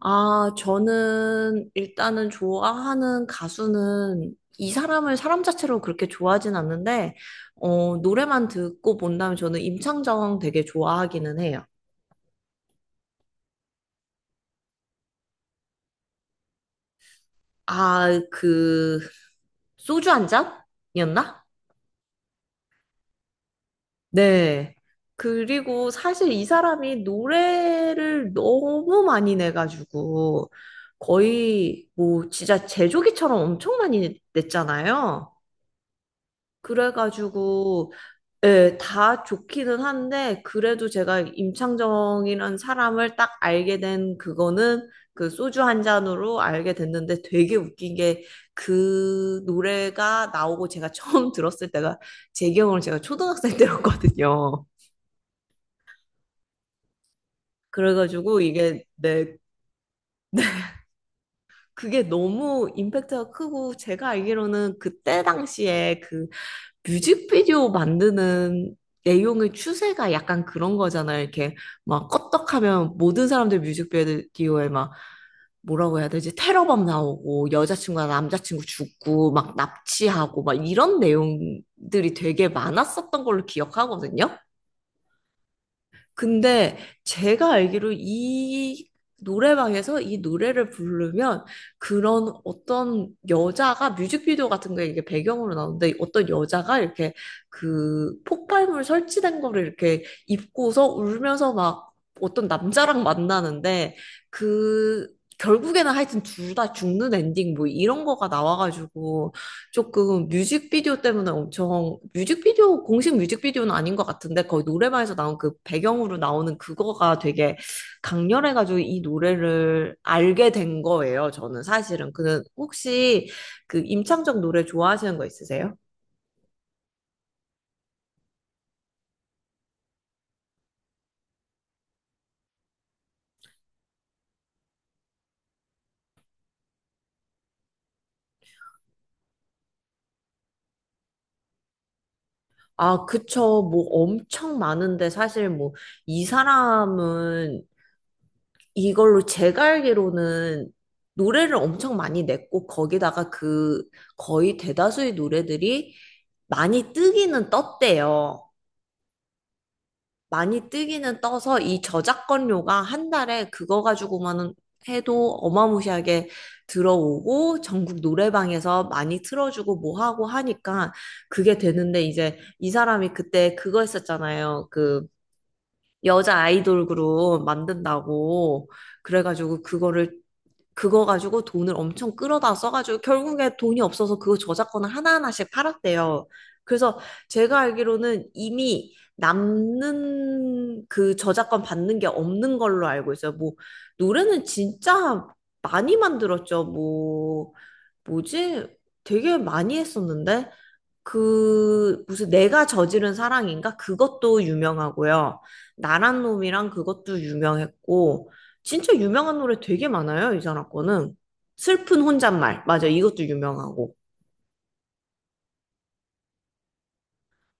아, 저는 일단은 좋아하는 가수는 이 사람을 사람 자체로 그렇게 좋아하진 않는데, 노래만 듣고 본다면 저는 임창정 되게 좋아하기는 해요. 아, 그, 소주 한 잔이었나? 네. 그리고 사실 이 사람이 노래를 너무 많이 내가지고 거의 뭐 진짜 제조기처럼 엄청 많이 냈잖아요. 그래가지고 예, 다 좋기는 한데 그래도 제가 임창정이라는 사람을 딱 알게 된 그거는 그 소주 한 잔으로 알게 됐는데 되게 웃긴 게 그 노래가 나오고 제가 처음 들었을 때가 제 기억으로 제가 초등학생 때였거든요. 그래가지고 이게 내 그게 너무 임팩트가 크고 제가 알기로는 그때 당시에 그 뮤직비디오 만드는 내용의 추세가 약간 그런 거잖아요. 이렇게 막 껐떡하면 모든 사람들 뮤직비디오에 막 뭐라고 해야 되지? 테러범 나오고 여자친구나 남자친구 죽고 막 납치하고 막 이런 내용들이 되게 많았었던 걸로 기억하거든요. 근데 제가 알기로 이 노래방에서 이 노래를 부르면 그런 어떤 여자가 뮤직비디오 같은 거에 이게 배경으로 나오는데 어떤 여자가 이렇게 그 폭발물 설치된 거를 이렇게 입고서 울면서 막 어떤 남자랑 만나는데 그 결국에는 하여튼 둘 다 죽는 엔딩 뭐 이런 거가 나와가지고 조금 뮤직비디오 때문에 엄청 뮤직비디오 공식 뮤직비디오는 아닌 것 같은데 거의 노래방에서 나온 그 배경으로 나오는 그거가 되게 강렬해가지고 이 노래를 알게 된 거예요. 저는 사실은 그 혹시 그 임창정 노래 좋아하시는 거 있으세요? 아, 그쵸. 뭐 엄청 많은데 사실 뭐 이 사람은 이걸로 제가 알기로는 노래를 엄청 많이 냈고 거기다가 그 거의 대다수의 노래들이 많이 뜨기는 떴대요. 많이 뜨기는 떠서 이 저작권료가 한 달에 그거 가지고만 해도 어마무시하게 들어오고 전국 노래방에서 많이 틀어주고 뭐 하고 하니까 그게 되는데 이제 이 사람이 그때 그거 했었잖아요. 그 여자 아이돌 그룹 만든다고 그래가지고 그거를 그거 가지고 돈을 엄청 끌어다 써가지고 결국에 돈이 없어서 그 저작권을 하나하나씩 팔았대요. 그래서 제가 알기로는 이미 남는 그 저작권 받는 게 없는 걸로 알고 있어요. 뭐 노래는 진짜 많이 만들었죠. 뭐 뭐지? 되게 많이 했었는데 그 무슨 내가 저지른 사랑인가? 그것도 유명하고요. 나란 놈이랑 그것도 유명했고 진짜 유명한 노래 되게 많아요, 이 사람 거는. 슬픈 혼잣말. 맞아, 이것도 유명하고.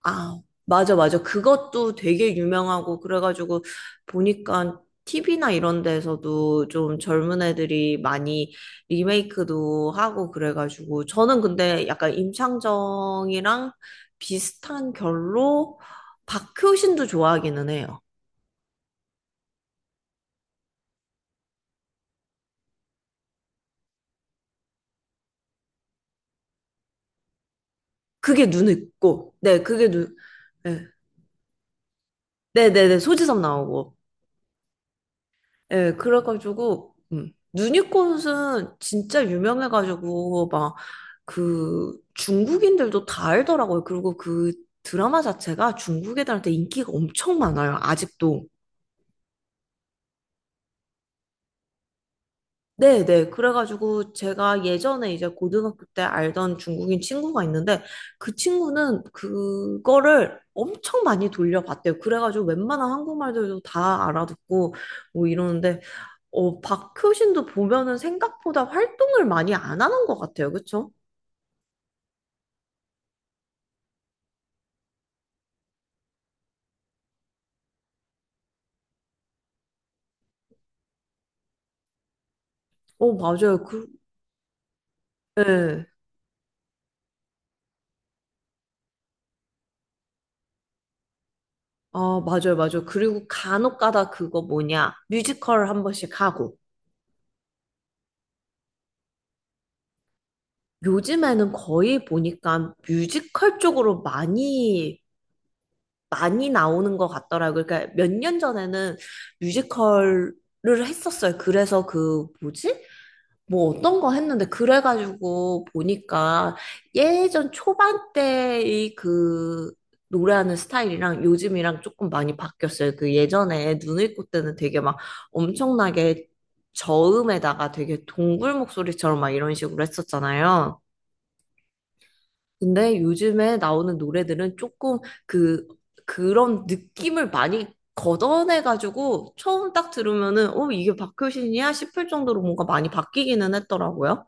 아, 맞아, 맞아. 그것도 되게 유명하고, 그래가지고, 보니까 TV나 이런 데서도 좀 젊은 애들이 많이 리메이크도 하고, 그래가지고, 저는 근데 약간 임창정이랑 비슷한 결로 박효신도 좋아하기는 해요. 그게 눈에 있고, 네, 그게 눈, 네, 네네네, 소지섭 나오고. 예, 그래가지고, 누니꽃은 진짜 유명해가지고, 막, 그, 중국인들도 다 알더라고요. 그리고 그 드라마 자체가 중국 애들한테 인기가 엄청 많아요, 아직도. 네, 네. 그래가지고 제가 예전에 이제 고등학교 때 알던 중국인 친구가 있는데 그 친구는 그거를 엄청 많이 돌려봤대요. 그래가지고 웬만한 한국말들도 다 알아듣고 뭐 이러는데 박효신도 보면은 생각보다 활동을 많이 안 하는 것 같아요. 그쵸? 어, 맞아요. 그, 네. 아, 맞아요, 맞아요. 그리고 간혹가다 그거 뭐냐 뮤지컬 한 번씩 하고 요즘에는 거의 보니까 뮤지컬 쪽으로 많이 많이 나오는 것 같더라고요. 그러니까 몇 년 전에는 뮤지컬을 했었어요. 그래서 그 뭐지? 뭐 어떤 거 했는데 그래가지고 보니까 예전 초반 때의 그 노래하는 스타일이랑 요즘이랑 조금 많이 바뀌었어요. 그 예전에 눈을 꽂 때는 되게 막 엄청나게 저음에다가 되게 동굴 목소리처럼 막 이런 식으로 했었잖아요. 근데 요즘에 나오는 노래들은 조금 그, 그런 느낌을 많이 걷어내가지고 처음 딱 들으면은, 어, 이게 박효신이야? 싶을 정도로 뭔가 많이 바뀌기는 했더라고요.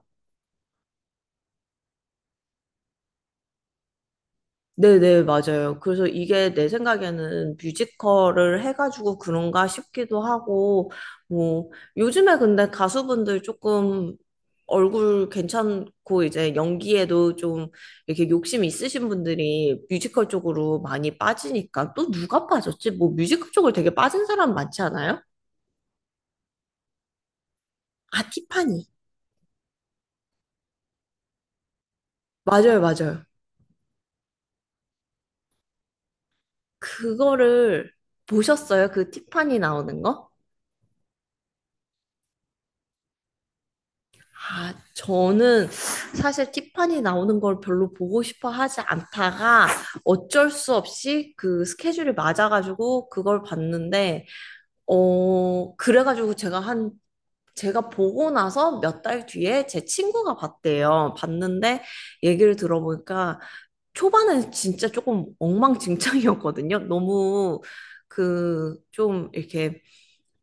네네, 맞아요. 그래서 이게 내 생각에는 뮤지컬을 해가지고 그런가 싶기도 하고, 뭐, 요즘에 근데 가수분들 조금 얼굴 괜찮고 이제 연기에도 좀 이렇게 욕심 있으신 분들이 뮤지컬 쪽으로 많이 빠지니까 또 누가 빠졌지? 뭐 뮤지컬 쪽을 되게 빠진 사람 많지 않아요? 아, 티파니. 맞아요, 맞아요. 그거를 보셨어요? 그 티파니 나오는 거? 아, 저는 사실 티파니 나오는 걸 별로 보고 싶어 하지 않다가 어쩔 수 없이 그 스케줄이 맞아가지고 그걸 봤는데, 그래가지고 제가 보고 나서 몇 달 뒤에 제 친구가 봤대요. 봤는데 얘기를 들어보니까 초반엔 진짜 조금 엉망진창이었거든요. 너무 그 좀 이렇게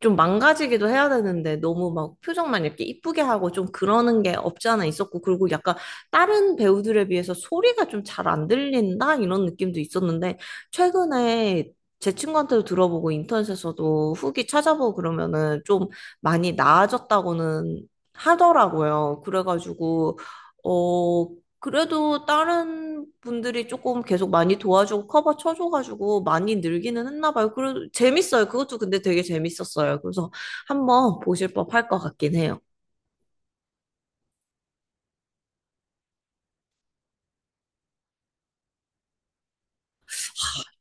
좀 망가지기도 해야 되는데 너무 막 표정만 이렇게 이쁘게 하고 좀 그러는 게 없지 않아 있었고 그리고 약간 다른 배우들에 비해서 소리가 좀 잘 안 들린다 이런 느낌도 있었는데 최근에 제 친구한테도 들어보고 인터넷에서도 후기 찾아보고 그러면은 좀 많이 나아졌다고는 하더라고요. 그래가지고 어 그래도 다른 분들이 조금 계속 많이 도와주고 커버 쳐줘가지고 많이 늘기는 했나 봐요. 그래도 재밌어요. 그것도 근데 되게 재밌었어요. 그래서 한번 보실 법할 것 같긴 해요.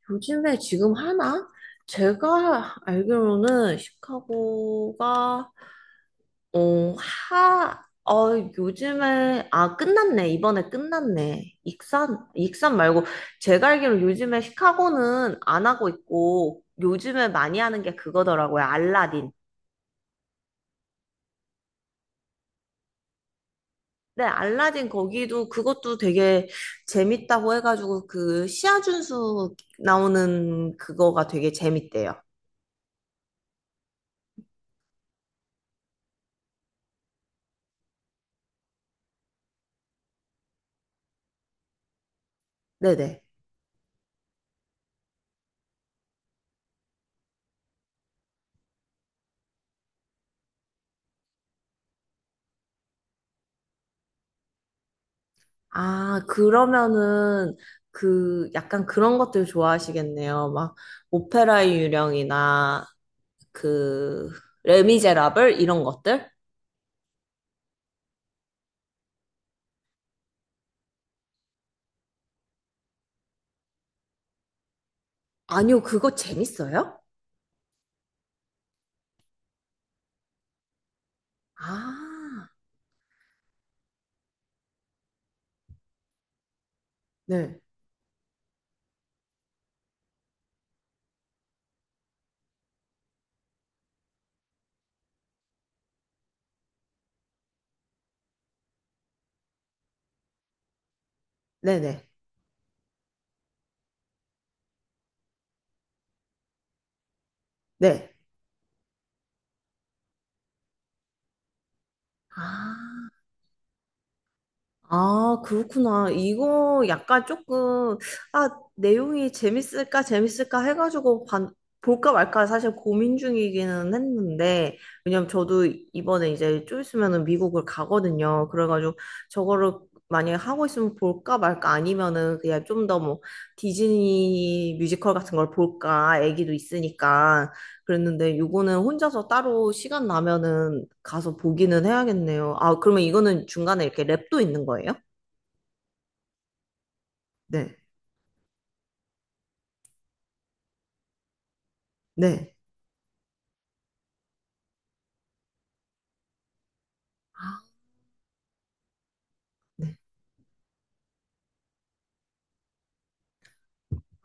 요즘에 지금 하나? 제가 알기로는 시카고가 어, 하, 요즘에 아 끝났네. 이번에 끝났네. 익산 말고 제가 알기로 요즘에 시카고는 안 하고 있고 요즘에 많이 하는 게 그거더라고요. 알라딘. 네, 알라딘 거기도 그것도 되게 재밌다고 해가지고 그 시아준수 나오는 그거가 되게 재밌대요. 네네. 아, 그러면은 그 약간 그런 것들 좋아하시겠네요. 막 오페라의 유령이나 그 레미제라블 이런 것들? 아니요, 그거 재밌어요? 아, 네. 네네. 네. 아. 아, 그렇구나. 이거 약간 조금, 아, 내용이 재밌을까, 재밌을까 해가지고 볼까 말까 사실 고민 중이기는 했는데, 왜냐면 저도 이번에 이제 좀 있으면은 미국을 가거든요. 그래가지고 저거를 만약에 하고 있으면 볼까 말까 아니면은 그냥 좀 더 뭐 디즈니 뮤지컬 같은 걸 볼까, 애기도 있으니까. 그랬는데 요거는 혼자서 따로 시간 나면은 가서 보기는 해야겠네요. 아, 그러면 이거는 중간에 이렇게 랩도 있는 거예요? 네. 네. 아, 네.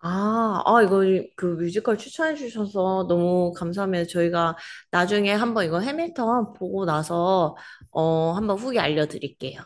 아, 아, 이거 그 뮤지컬 추천해 주셔서 너무 감사하면 저희가 나중에 한번 이거 해밀턴 보고 나서 한번 후기 알려드릴게요.